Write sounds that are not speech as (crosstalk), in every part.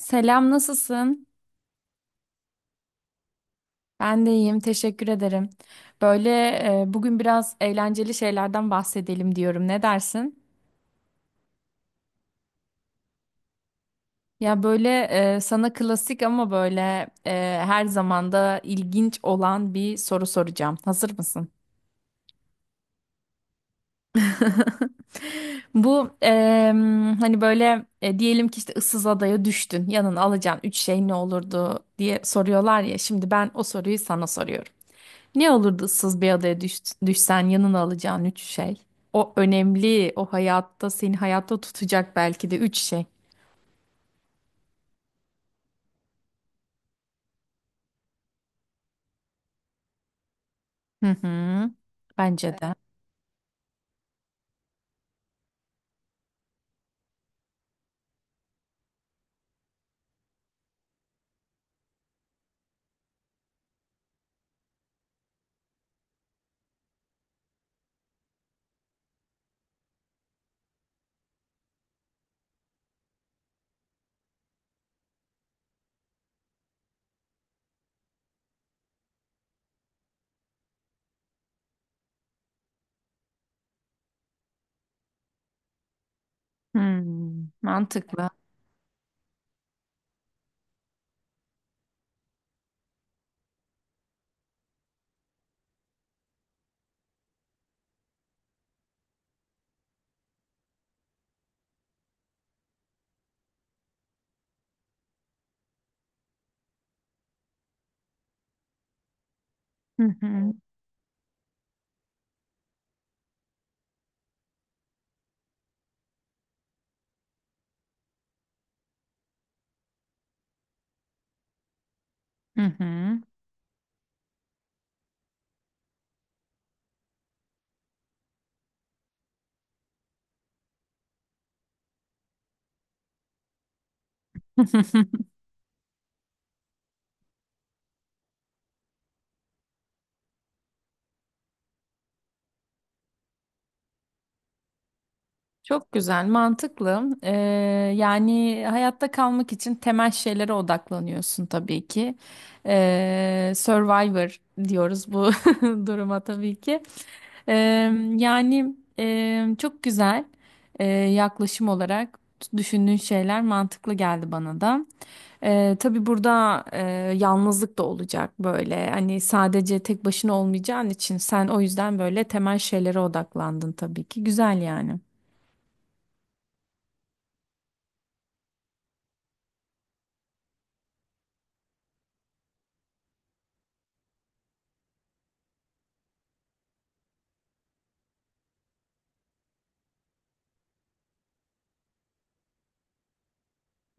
Selam, nasılsın? Ben de iyiyim, teşekkür ederim. Böyle bugün biraz eğlenceli şeylerden bahsedelim diyorum. Ne dersin? Ya böyle sana klasik ama böyle her zaman da ilginç olan bir soru soracağım. Hazır mısın? (laughs) Bu hani böyle diyelim ki işte ıssız adaya düştün. Yanına alacağın üç şey ne olurdu diye soruyorlar ya. Şimdi ben o soruyu sana soruyorum. Ne olurdu ıssız bir adaya düşsen yanına alacağın üç şey. O önemli, o hayatta seni hayatta tutacak belki de üç şey. Hı hı. Bence de. Hmm, mantıklı. Hı hı. Hı hı. (laughs) Çok güzel, mantıklı. Yani hayatta kalmak için temel şeylere odaklanıyorsun tabii ki. Survivor diyoruz bu (laughs) duruma tabii ki. Ee, Yani çok güzel yaklaşım olarak düşündüğün şeyler mantıklı geldi bana da. Tabii burada yalnızlık da olacak böyle. Hani sadece tek başına olmayacağın için sen o yüzden böyle temel şeylere odaklandın tabii ki. Güzel yani.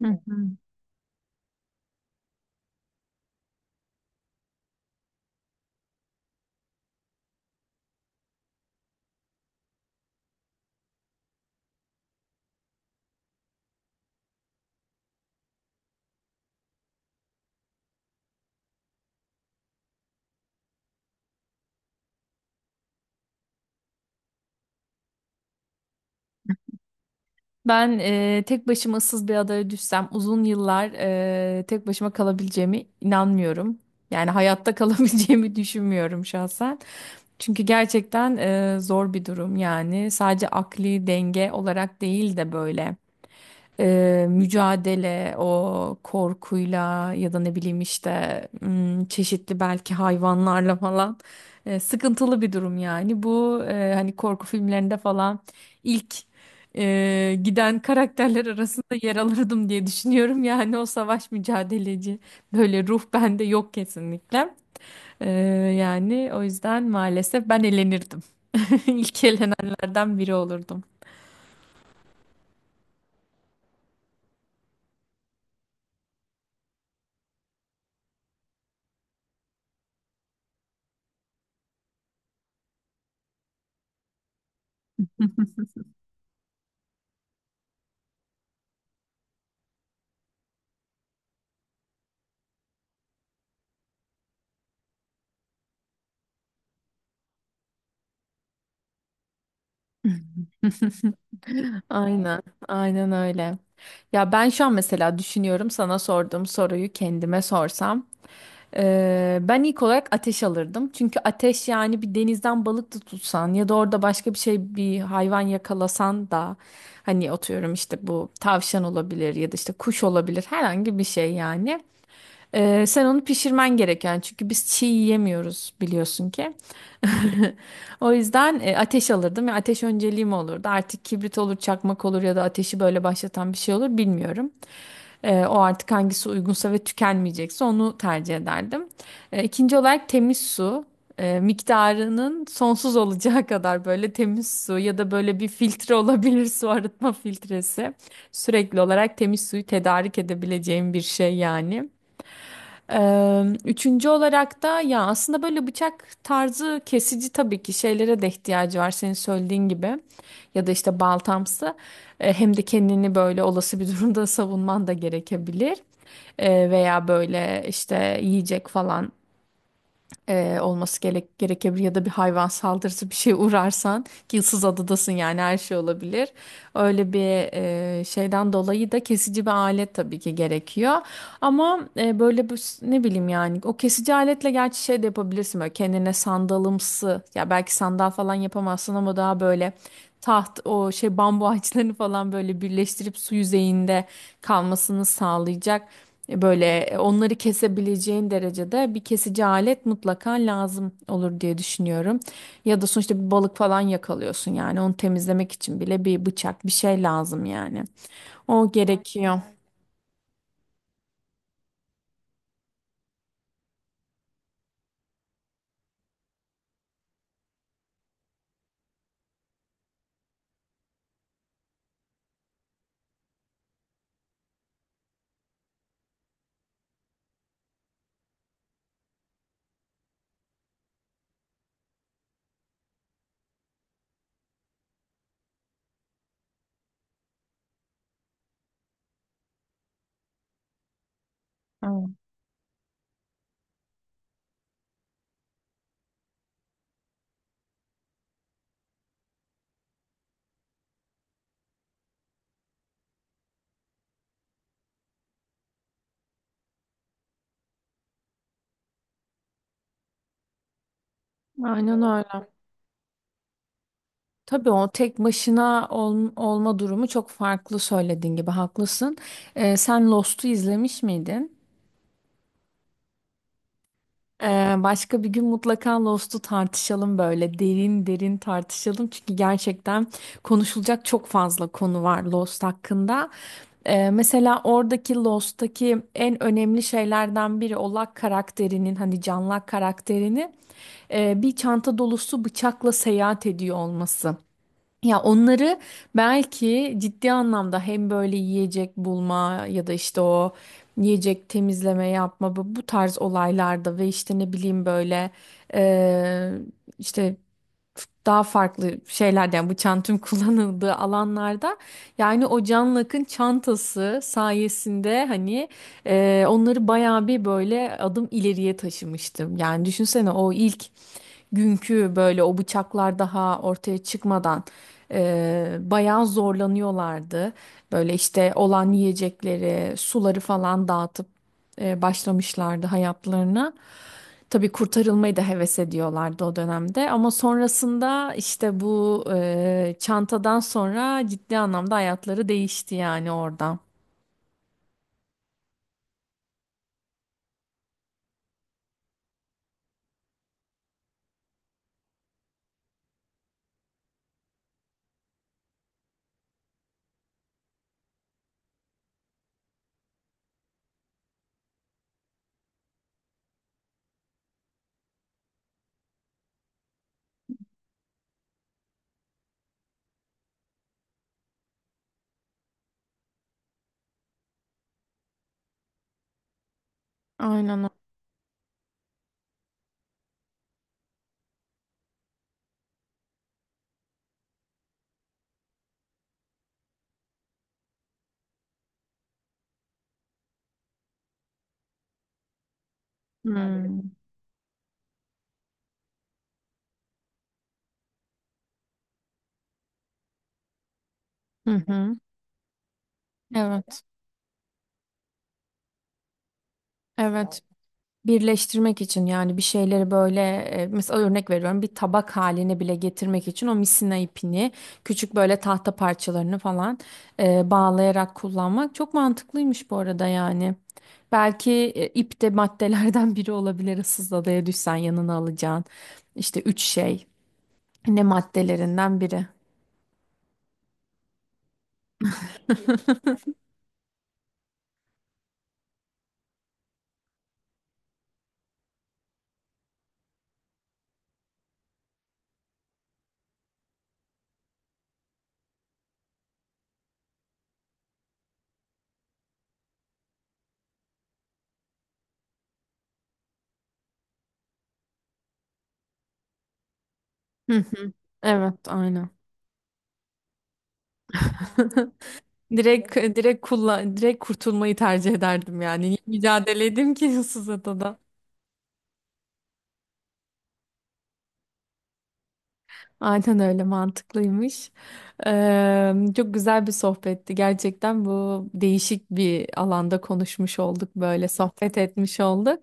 Hı hı. Ben tek başıma ıssız bir adaya düşsem uzun yıllar tek başıma kalabileceğime inanmıyorum. Yani hayatta (laughs) kalabileceğimi düşünmüyorum şahsen. Çünkü gerçekten zor bir durum yani sadece akli denge olarak değil de böyle mücadele o korkuyla ya da ne bileyim işte çeşitli belki hayvanlarla falan sıkıntılı bir durum yani. Bu hani korku filmlerinde falan ilk giden karakterler arasında yer alırdım diye düşünüyorum. Yani o savaş mücadeleci böyle ruh bende yok kesinlikle. E, Yani o yüzden maalesef ben elenirdim. (laughs) İlk elenenlerden biri olurdum. (laughs) Aynen, aynen öyle. Ya ben şu an mesela düşünüyorum sana sorduğum soruyu kendime sorsam. Ben ilk olarak ateş alırdım. Çünkü ateş yani bir denizden balık da tutsan ya da orada başka bir şey bir hayvan yakalasan da hani atıyorum işte bu tavşan olabilir ya da işte kuş olabilir herhangi bir şey yani. Sen onu pişirmen gereken çünkü biz çiğ yiyemiyoruz biliyorsun ki. (laughs) O yüzden ateş alırdım ve ateş önceliğim olurdu. Artık kibrit olur, çakmak olur ya da ateşi böyle başlatan bir şey olur bilmiyorum. O artık hangisi uygunsa ve tükenmeyecekse onu tercih ederdim. İkinci olarak temiz su. Miktarının sonsuz olacağı (laughs) kadar böyle temiz su ya da böyle bir filtre olabilir su arıtma filtresi. Sürekli olarak temiz suyu tedarik edebileceğim bir şey yani. Üçüncü olarak da ya aslında böyle bıçak tarzı kesici tabii ki şeylere de ihtiyacı var senin söylediğin gibi ya da işte baltamsı. Hem de kendini böyle olası bir (laughs) durumda savunman da gerekebilir. Veya böyle işte yiyecek falan olması gerekebilir ya da bir hayvan saldırısı bir şey uğrarsan ki ıssız adadasın yani her şey olabilir. Öyle bir şeyden dolayı da kesici bir alet tabii ki gerekiyor. Ama böyle bu ne bileyim yani o kesici aletle gerçi şey de yapabilirsin böyle kendine sandalımsı ya belki sandal falan yapamazsın ama daha böyle taht o şey bambu ağaçlarını falan böyle birleştirip su yüzeyinde kalmasını sağlayacak. Böyle onları kesebileceğin derecede bir kesici alet mutlaka lazım olur diye düşünüyorum. Ya da sonuçta bir balık falan yakalıyorsun yani onu temizlemek için bile bir bıçak bir şey lazım yani. O gerekiyor. Evet. Aynen öyle. Tabii o tek başına olma durumu çok farklı söylediğin gibi haklısın. Sen Lost'u izlemiş miydin? Başka bir gün mutlaka Lost'u tartışalım böyle derin derin tartışalım çünkü gerçekten konuşulacak çok fazla konu var Lost hakkında. Mesela oradaki Lost'taki en önemli şeylerden biri Olak karakterinin hani Canlak karakterinin bir çanta dolusu bıçakla seyahat ediyor olması. Ya onları belki ciddi anlamda hem böyle yiyecek bulma ya da işte o yiyecek temizleme yapma bu tarz olaylarda ve işte ne bileyim böyle eee, işte daha farklı şeylerden bu çantum (laughs) kullanıldığı alanlarda yani o Can Lak'ın çantası sayesinde hani onları bayağı bir böyle adım ileriye taşımıştım. Yani düşünsene o ilk günkü böyle o bıçaklar daha ortaya çıkmadan bayağı zorlanıyorlardı. Böyle işte olan yiyecekleri, suları falan dağıtıp başlamışlardı hayatlarına. Tabii kurtarılmayı da heves ediyorlardı o dönemde ama sonrasında işte bu çantadan sonra ciddi anlamda hayatları değişti yani orada. Aynen. O. Hmm. Hı hı. Evet. Evet. Birleştirmek için yani bir şeyleri böyle mesela örnek veriyorum bir tabak haline bile getirmek için o misina ipini küçük böyle tahta parçalarını falan bağlayarak kullanmak çok mantıklıymış bu arada yani. Belki ip de maddelerden (laughs) biri olabilir ıssız adaya düşsen yanına alacağın işte üç şey ne maddelerinden biri. Hı hı. Evet, aynen. (laughs) Direkt direkt kullan direkt kurtulmayı tercih ederdim yani. Niye mücadele edeyim ki ıssız adada? Aynen öyle mantıklıymış. Çok güzel bir sohbetti. Gerçekten bu değişik bir alanda konuşmuş olduk böyle sohbet etmiş olduk.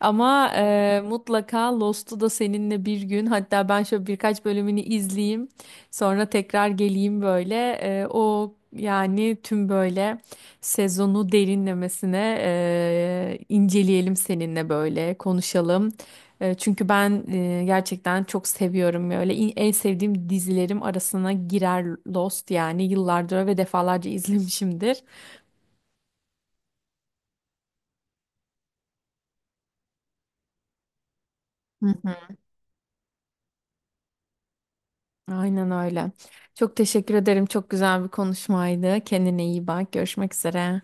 Ama mutlaka Lost'u da seninle bir gün hatta ben şöyle birkaç bölümünü izleyeyim. Sonra tekrar geleyim böyle. O yani tüm böyle sezonu derinlemesine inceleyelim seninle böyle konuşalım. Çünkü ben gerçekten çok seviyorum böyle en sevdiğim dizilerim arasına girer Lost yani yıllardır ve defalarca izlemişimdir. Hı hı. Aynen öyle. Çok teşekkür ederim. Çok güzel bir konuşmaydı. Kendine iyi bak. Görüşmek üzere.